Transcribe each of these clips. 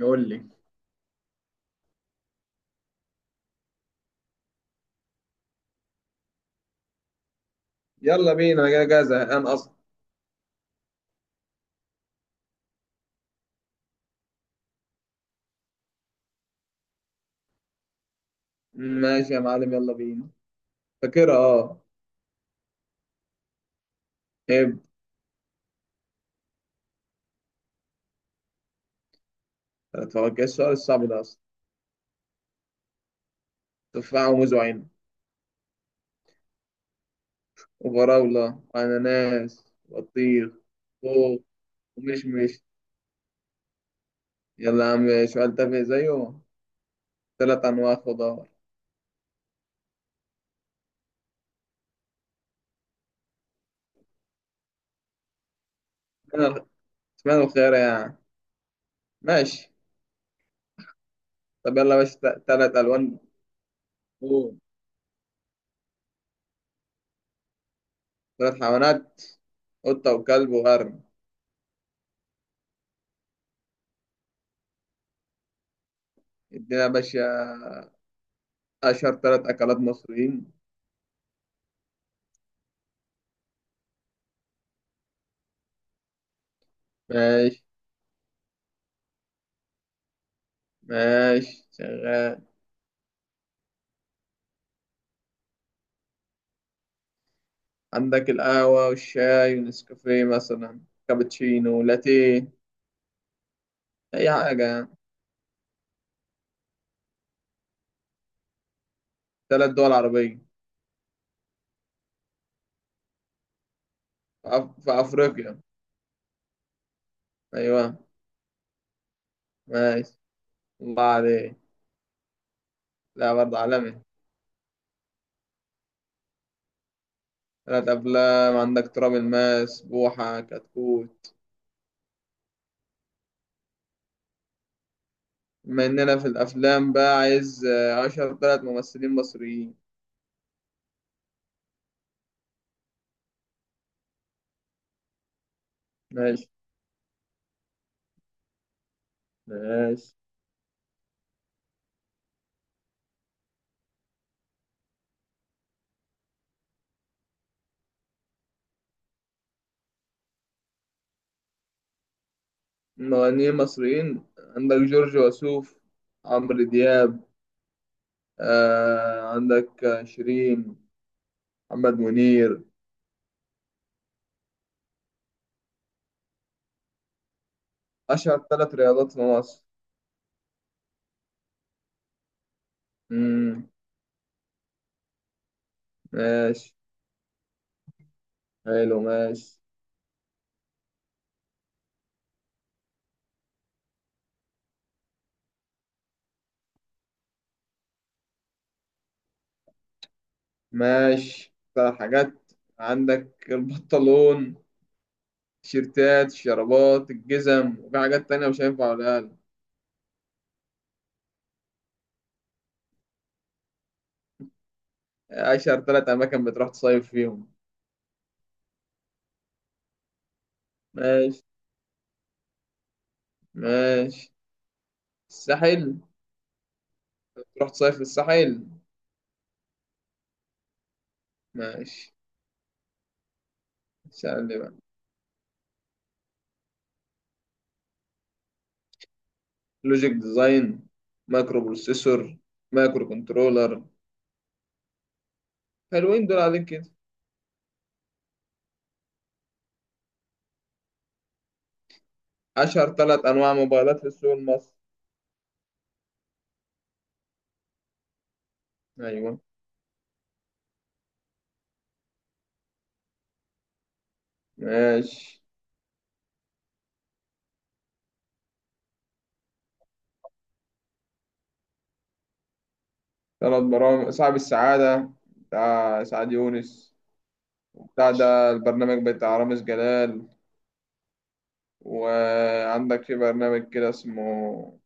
قول لي. يلا بينا، انا جاي زهقان اصلا. ماشي يا معلم، يلا بينا. فاكرها اه. ابدا. تفكر السؤال الصعب ده اصلا. تفاحة وموز وعنب وفراولة وأناناس وبطيخ. خوخ ومشمش. يلا يا عم، سؤال تافه زيه. تلات أنواع خضار. اشمعنى، اشمعنى الخيار يعني؟ ماشي. طب يلا يا باشا، تلات ألوان. نجوم. تلات حيوانات: قطة وكلب وغرب. ادينا يا باشا. أشهر تلات أكلات مصريين. ماشي. ماشي شغال. عندك القهوة والشاي ونسكافيه مثلا، كابتشينو، لاتيه. أي حاجة يعني. تلات دول عربية. في أفريقيا. أيوة. ماشي. الله عليك. لا، برضه عالمي. تلات أفلام: عندك تراب الماس، بوحة، كتكوت. بما إننا في الأفلام بقى، عايز أشهر تلات ممثلين مصريين. ماشي. ماشي. مغنيين مصريين: عندك جورج وسوف، عمرو دياب، عندك شيرين، محمد منير. أشهر ثلاث رياضات في مصر. مم. ماشي. حلو، ماشي. ماشي، ثلاث حاجات: عندك البنطلون، التيشيرتات، الشرابات، الجزم. وفي حاجات تانية مش هينفع أقولها. أشهر ثلاث أماكن بتروح تصيف فيهم. ماشي. ماشي الساحل. بتروح تصيف في الساحل. ماشي. سألني بقى. لوجيك ديزاين، مايكرو بروسيسور، مايكرو كنترولر. حلوين دول عليك كده. أشهر ثلاث أنواع موبايلات في السوق المصري. أيوه. ماشي. ثلاث برامج: صاحب السعادة بتاع سعد يونس، بتاع ده البرنامج بتاع رامز جلال، وعندك في برنامج كده اسمه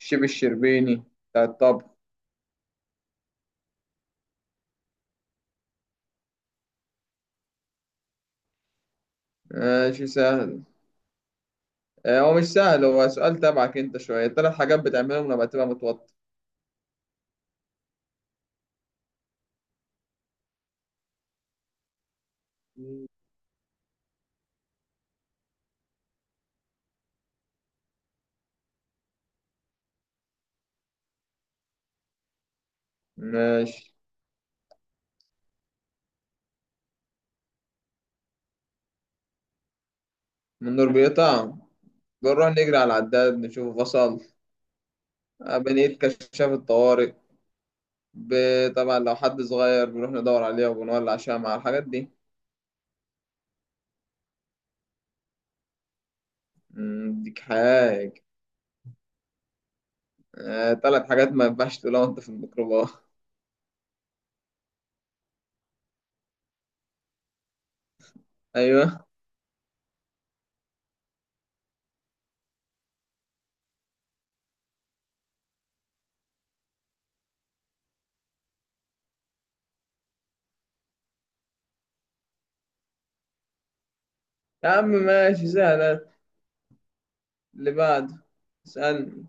الشيف الشربيني بتاع الطبخ. ماشي سهل. هو مش سهل، هو سؤال تبعك أنت شوية. ثلاث حاجات بتعملهم لما تبقى متوتر. ماشي. من النور بيقطع؟ بنروح نجري على العداد نشوفه فصل. بنقيت كشاف الطوارئ. طبعا لو حد صغير بنروح ندور عليها وبنولع شمعة مع الحاجات دي. ديك حاجة. تلات حاجات ما ينفعش تقولها وانت في الميكروباص. ايوه. يا عم ماشي سهلة. اللي بعده. اسألني.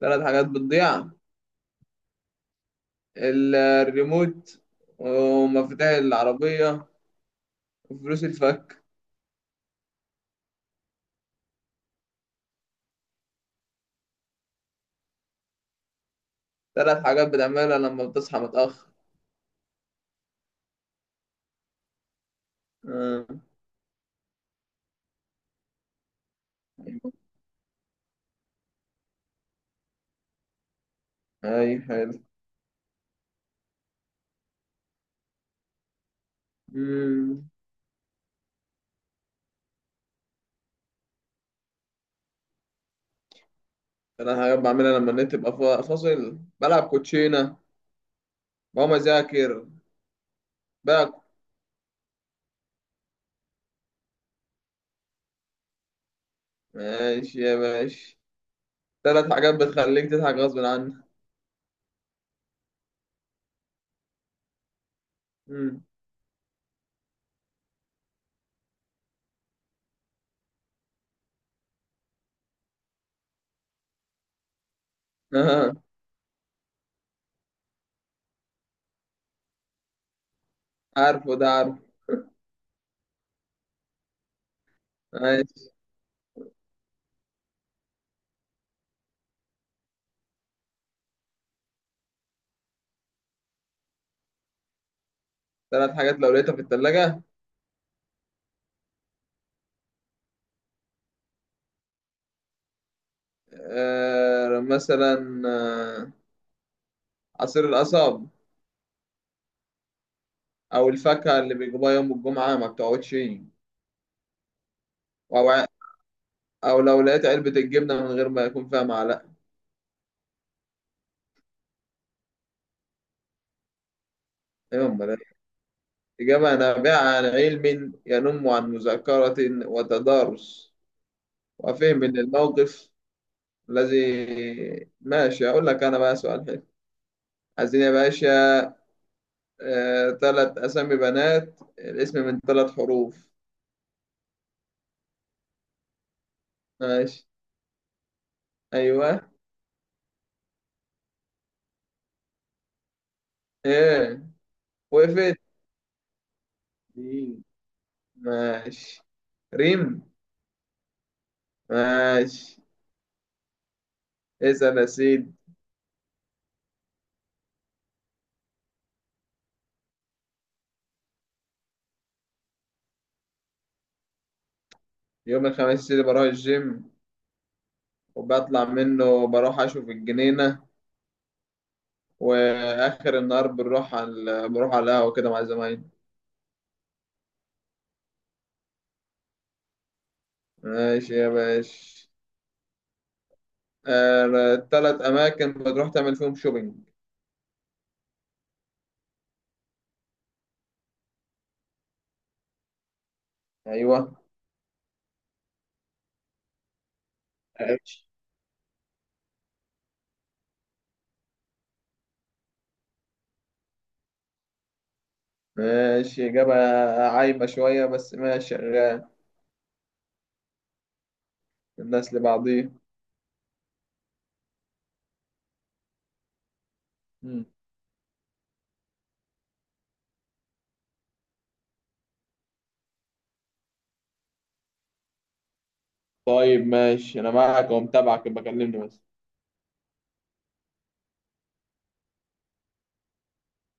تلات حاجات بتضيع: الريموت، ومفاتيح العربية، وفلوس الفك. تلات حاجات بتعملها لما بتصحى متأخر. آه. اي حلو. أمم، تلات حاجات بعملها لما النت يبقى فاصل: بلعب كوتشينة، بقوم أذاكر بقى. ماشي يا باشا. ثلاث حاجات بتخليك تضحك غصب عنك. امم. آه. عارفه ده، عارفه. ماشي. ثلاث حاجات لو لقيتها في الثلاجة. مثلا، عصير القصب، أو الفاكهة اللي بيجيبوها يوم الجمعة ما بتقعدش، أو أو لو لقيت علبة الجبنة من غير ما يكون فيها معلقة. إيه أمال إيه؟ إجابة نابعة عن علم، ينم عن مذاكرة وتدارس وفهم من الموقف الذي. ماشي. أقول لك أنا بقى سؤال حلو؟ عايزين يا باشا. تلات أسامي بنات، الاسم من تلات حروف. ماشي. أيوه. إيه؟ وقفت. مين؟ ماشي. ريم. ماشي. اسأل يا سيدي. يوم الخميس اللي بروح الجيم، وبطلع منه بروح أشوف الجنينة، وآخر النهار بنروح على بروح على القهوة كده مع زمايلي. ماشي يا باشا. تلات أماكن بتروح تعمل فيهم شوبينج. أيوه. ماشي، إجابة عايمة شوية بس ماشي شغال. الناس لبعضيه. مم. طيب ماشي، أنا معاك ومتابعك، يبقى كلمني بس.